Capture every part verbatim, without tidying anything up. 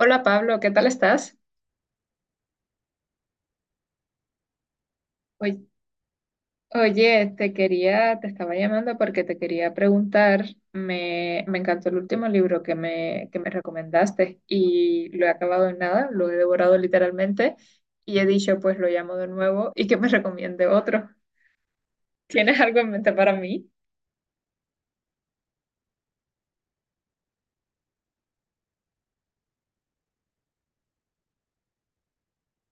Hola Pablo, ¿qué tal estás? Oy- Oye, te quería, te estaba llamando porque te quería preguntar, me, me encantó el último libro que me, que me recomendaste y lo he acabado en nada, lo he devorado literalmente y he dicho, pues lo llamo de nuevo y que me recomiende otro. ¿Tienes algo en mente para mí?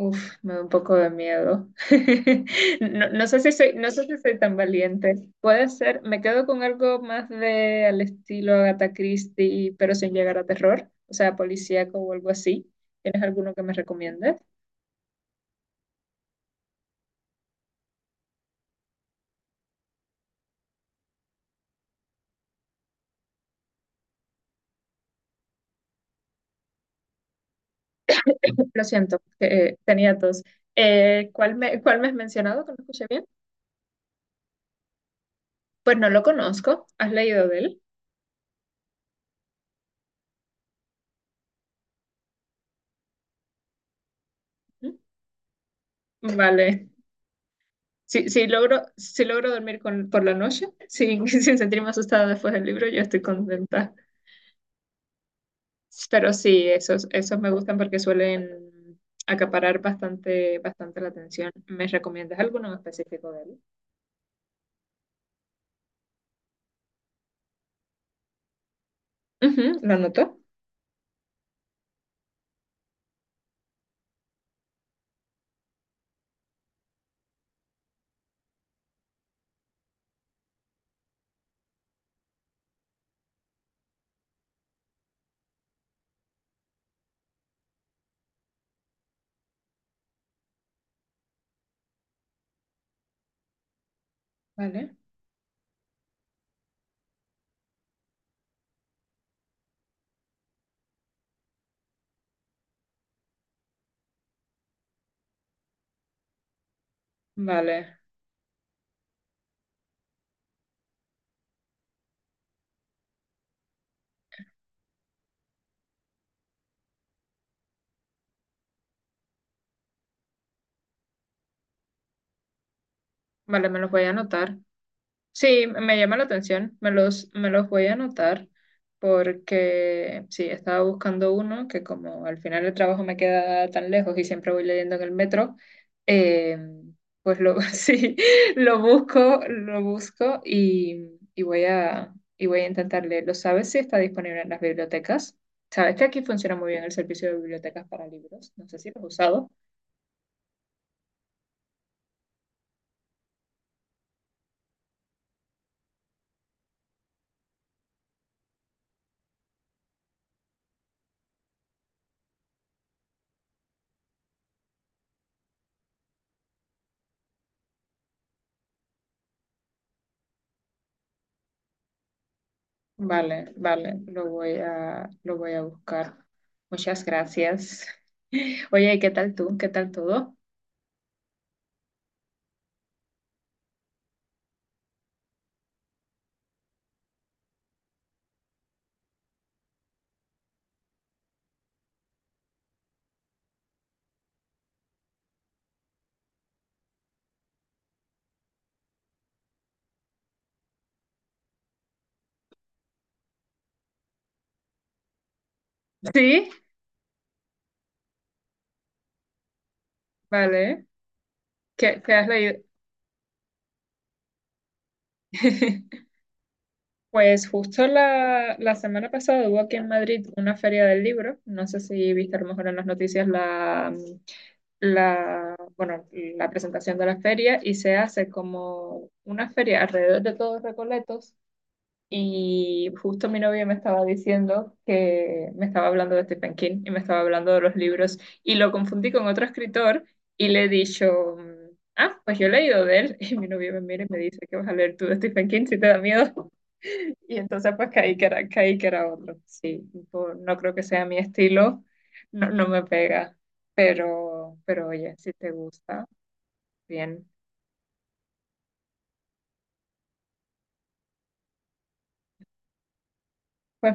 Uf, me da un poco de miedo. No, no sé si soy, no sé si soy tan valiente. Puede ser, me quedo con algo más de al estilo Agatha Christie, pero sin llegar a terror, o sea, policíaco o algo así. ¿Tienes alguno que me recomiendes? Lo siento, eh, tenía dos. Eh, ¿cuál me, cuál me has mencionado que no escuché bien? Pues no lo conozco. ¿Has leído de él? ¿Mm? Vale. Si, si logro, si logro dormir con, por la noche, sin, sin sentirme asustada después del libro, yo estoy contenta. Pero sí, esos, esos me gustan porque suelen acaparar bastante, bastante la atención. ¿Me recomiendas alguno en específico de él? Ujú, ¿lo anotó? Vale, vale, vale, me los voy a anotar. Sí, me llama la atención, me los, me los voy a anotar porque sí, estaba buscando uno que como al final el trabajo me queda tan lejos y siempre voy leyendo en el metro, eh, pues lo, sí, lo busco, lo busco y, y voy a, y voy a intentar leerlo. ¿Sabes si está disponible en las bibliotecas? ¿Sabes que aquí funciona muy bien el servicio de bibliotecas para libros? No sé si lo has usado. Vale, vale, lo voy a, lo voy a buscar. Muchas gracias. Oye, ¿qué tal tú? ¿Qué tal todo? Sí, vale. ¿Qué, qué has leído? Pues justo la, la semana pasada hubo aquí en Madrid una feria del libro. No sé si viste a lo mejor en las noticias la, la, bueno, la presentación de la feria y se hace como una feria alrededor de todos Recoletos. Y justo mi novio me estaba diciendo que me estaba hablando de Stephen King y me estaba hablando de los libros y lo confundí con otro escritor y le he dicho, mm, ah, pues yo he leído de él, y mi novio me mira y me dice que vas a leer tú de Stephen King si te da miedo. Y entonces pues caí que era, caí que era otro. Sí, por- no creo que sea mi estilo, no, no me pega, pero, pero oye, si te gusta, bien. Pues,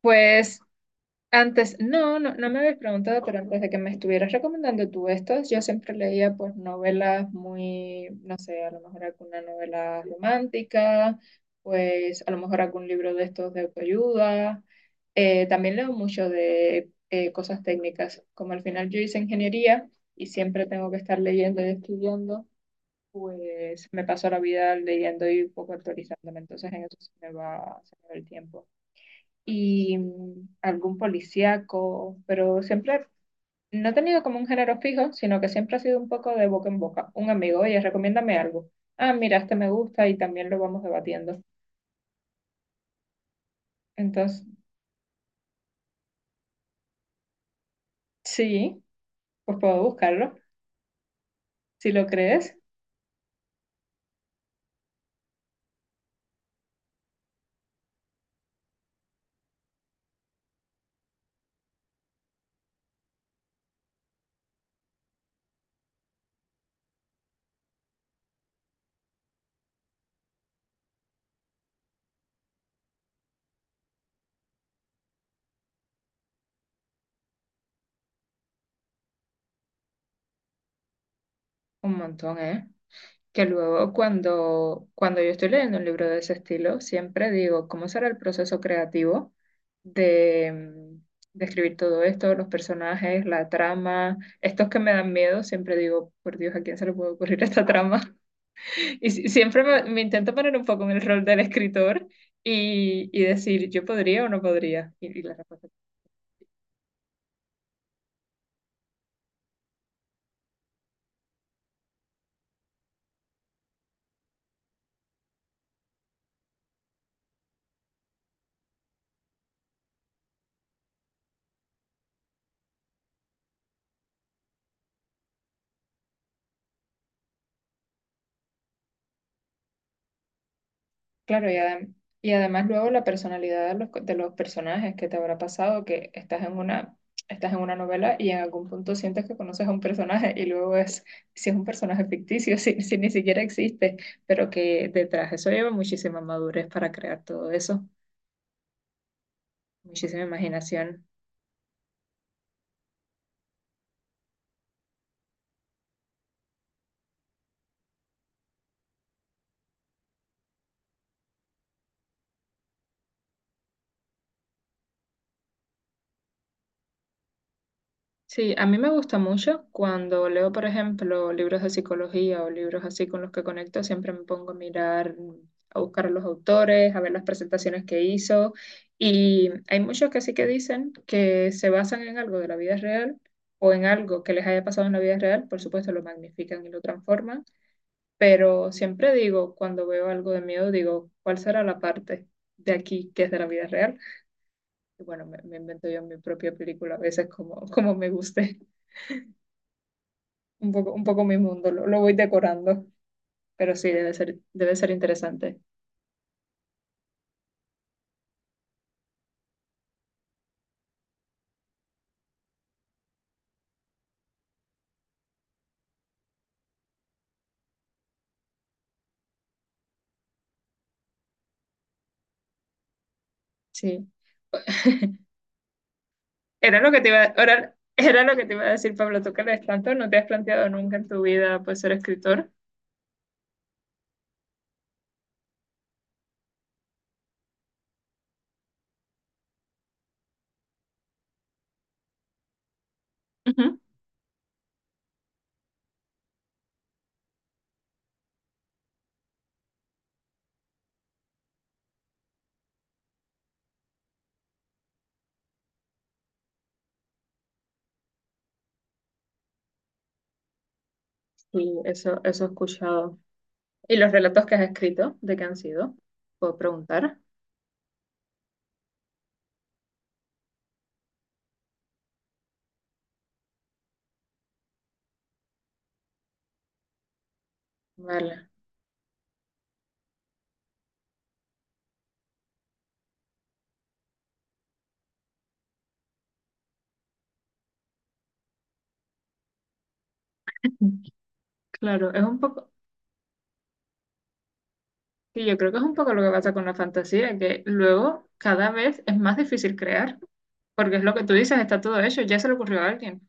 pues antes, no, no, no me habías preguntado, pero antes de que me estuvieras recomendando tú estas, yo siempre leía pues novelas muy, no sé, a lo mejor alguna novela romántica, pues a lo mejor algún libro de estos de autoayuda. Eh, también leo mucho de eh, cosas técnicas, como al final yo hice ingeniería y siempre tengo que estar leyendo y estudiando, pues me paso la vida leyendo y un poco actualizándome, entonces en eso se me va, se me va el tiempo y mm, algún policíaco, pero siempre no he tenido como un género fijo, sino que siempre ha sido un poco de boca en boca. Un amigo, oye, recomiéndame algo. Ah, mira, este me gusta y también lo vamos debatiendo. Entonces, sí, pues puedo buscarlo. Si lo crees, un montón, ¿eh? Que luego cuando, cuando yo estoy leyendo un libro de ese estilo, siempre digo, ¿cómo será el proceso creativo de, mm, de escribir todo esto, los personajes, la trama? Estos que me dan miedo, siempre digo, por Dios, ¿a quién se le puede ocurrir esta trama? Y si- siempre me, me intento poner un poco en el rol del escritor y, y decir, ¿yo podría o no podría? Y, y la respuesta. Claro, y, adem- y además luego la personalidad de los, co- de los personajes que te habrá pasado, que estás en una, estás en una novela y en algún punto sientes que conoces a un personaje y luego es, si es un personaje ficticio, si, si ni siquiera existe, pero que detrás eso lleva muchísima madurez para crear todo eso, muchísima imaginación. Sí, a mí me gusta mucho cuando leo, por ejemplo, libros de psicología o libros así con los que conecto, siempre me pongo a mirar, a buscar a los autores, a ver las presentaciones que hizo. Y hay muchos que sí que dicen que se basan en algo de la vida real o en algo que les haya pasado en la vida real, por supuesto lo magnifican y lo transforman, pero siempre digo, cuando veo algo de miedo, digo, ¿cuál será la parte de aquí que es de la vida real? Y bueno, me, me invento yo mi propia película a veces como, como me guste. Un poco, un poco mi mundo, lo, lo voy decorando, pero sí, debe ser, debe ser interesante. Sí. Era lo que te iba, era, era lo que te iba a decir, Pablo, tú que lees tanto, no te has planteado nunca en tu vida pues, ser escritor. Ujú. Sí, eso, eso he escuchado. ¿Y los relatos que has escrito, de qué han sido? ¿Puedo preguntar? Vale. Claro, es un poco, sí, yo creo que es un poco lo que pasa con la fantasía, que luego cada vez es más difícil crear, porque es lo que tú dices, está todo hecho, ya se le ocurrió a alguien.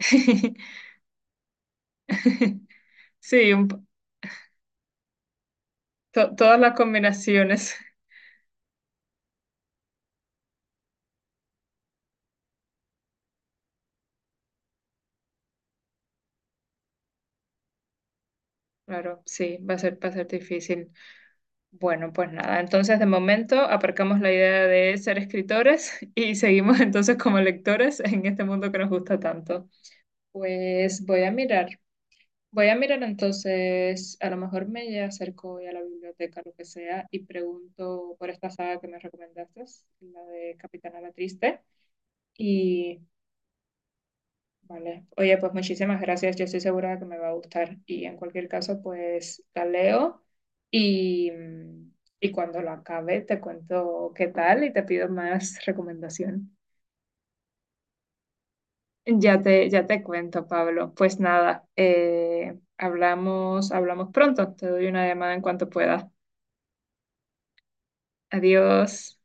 Sí, un, To- todas las combinaciones. Claro, sí, va a ser, va a ser difícil. Bueno, pues nada, entonces de momento aparcamos la idea de ser escritores y seguimos entonces como lectores en este mundo que nos gusta tanto. Pues voy a mirar, voy a mirar entonces, a lo mejor me acerco hoy a la biblioteca, lo que sea, y pregunto por esta saga que me recomendaste, la de Capitana la Triste, y vale. Oye, pues muchísimas gracias. Yo estoy segura de que me va a gustar. Y en cualquier caso, pues la leo y, y cuando lo acabe te cuento qué tal y te pido más recomendación. Ya te, ya te cuento, Pablo. Pues nada, eh, hablamos, hablamos pronto. Te doy una llamada en cuanto pueda. Adiós.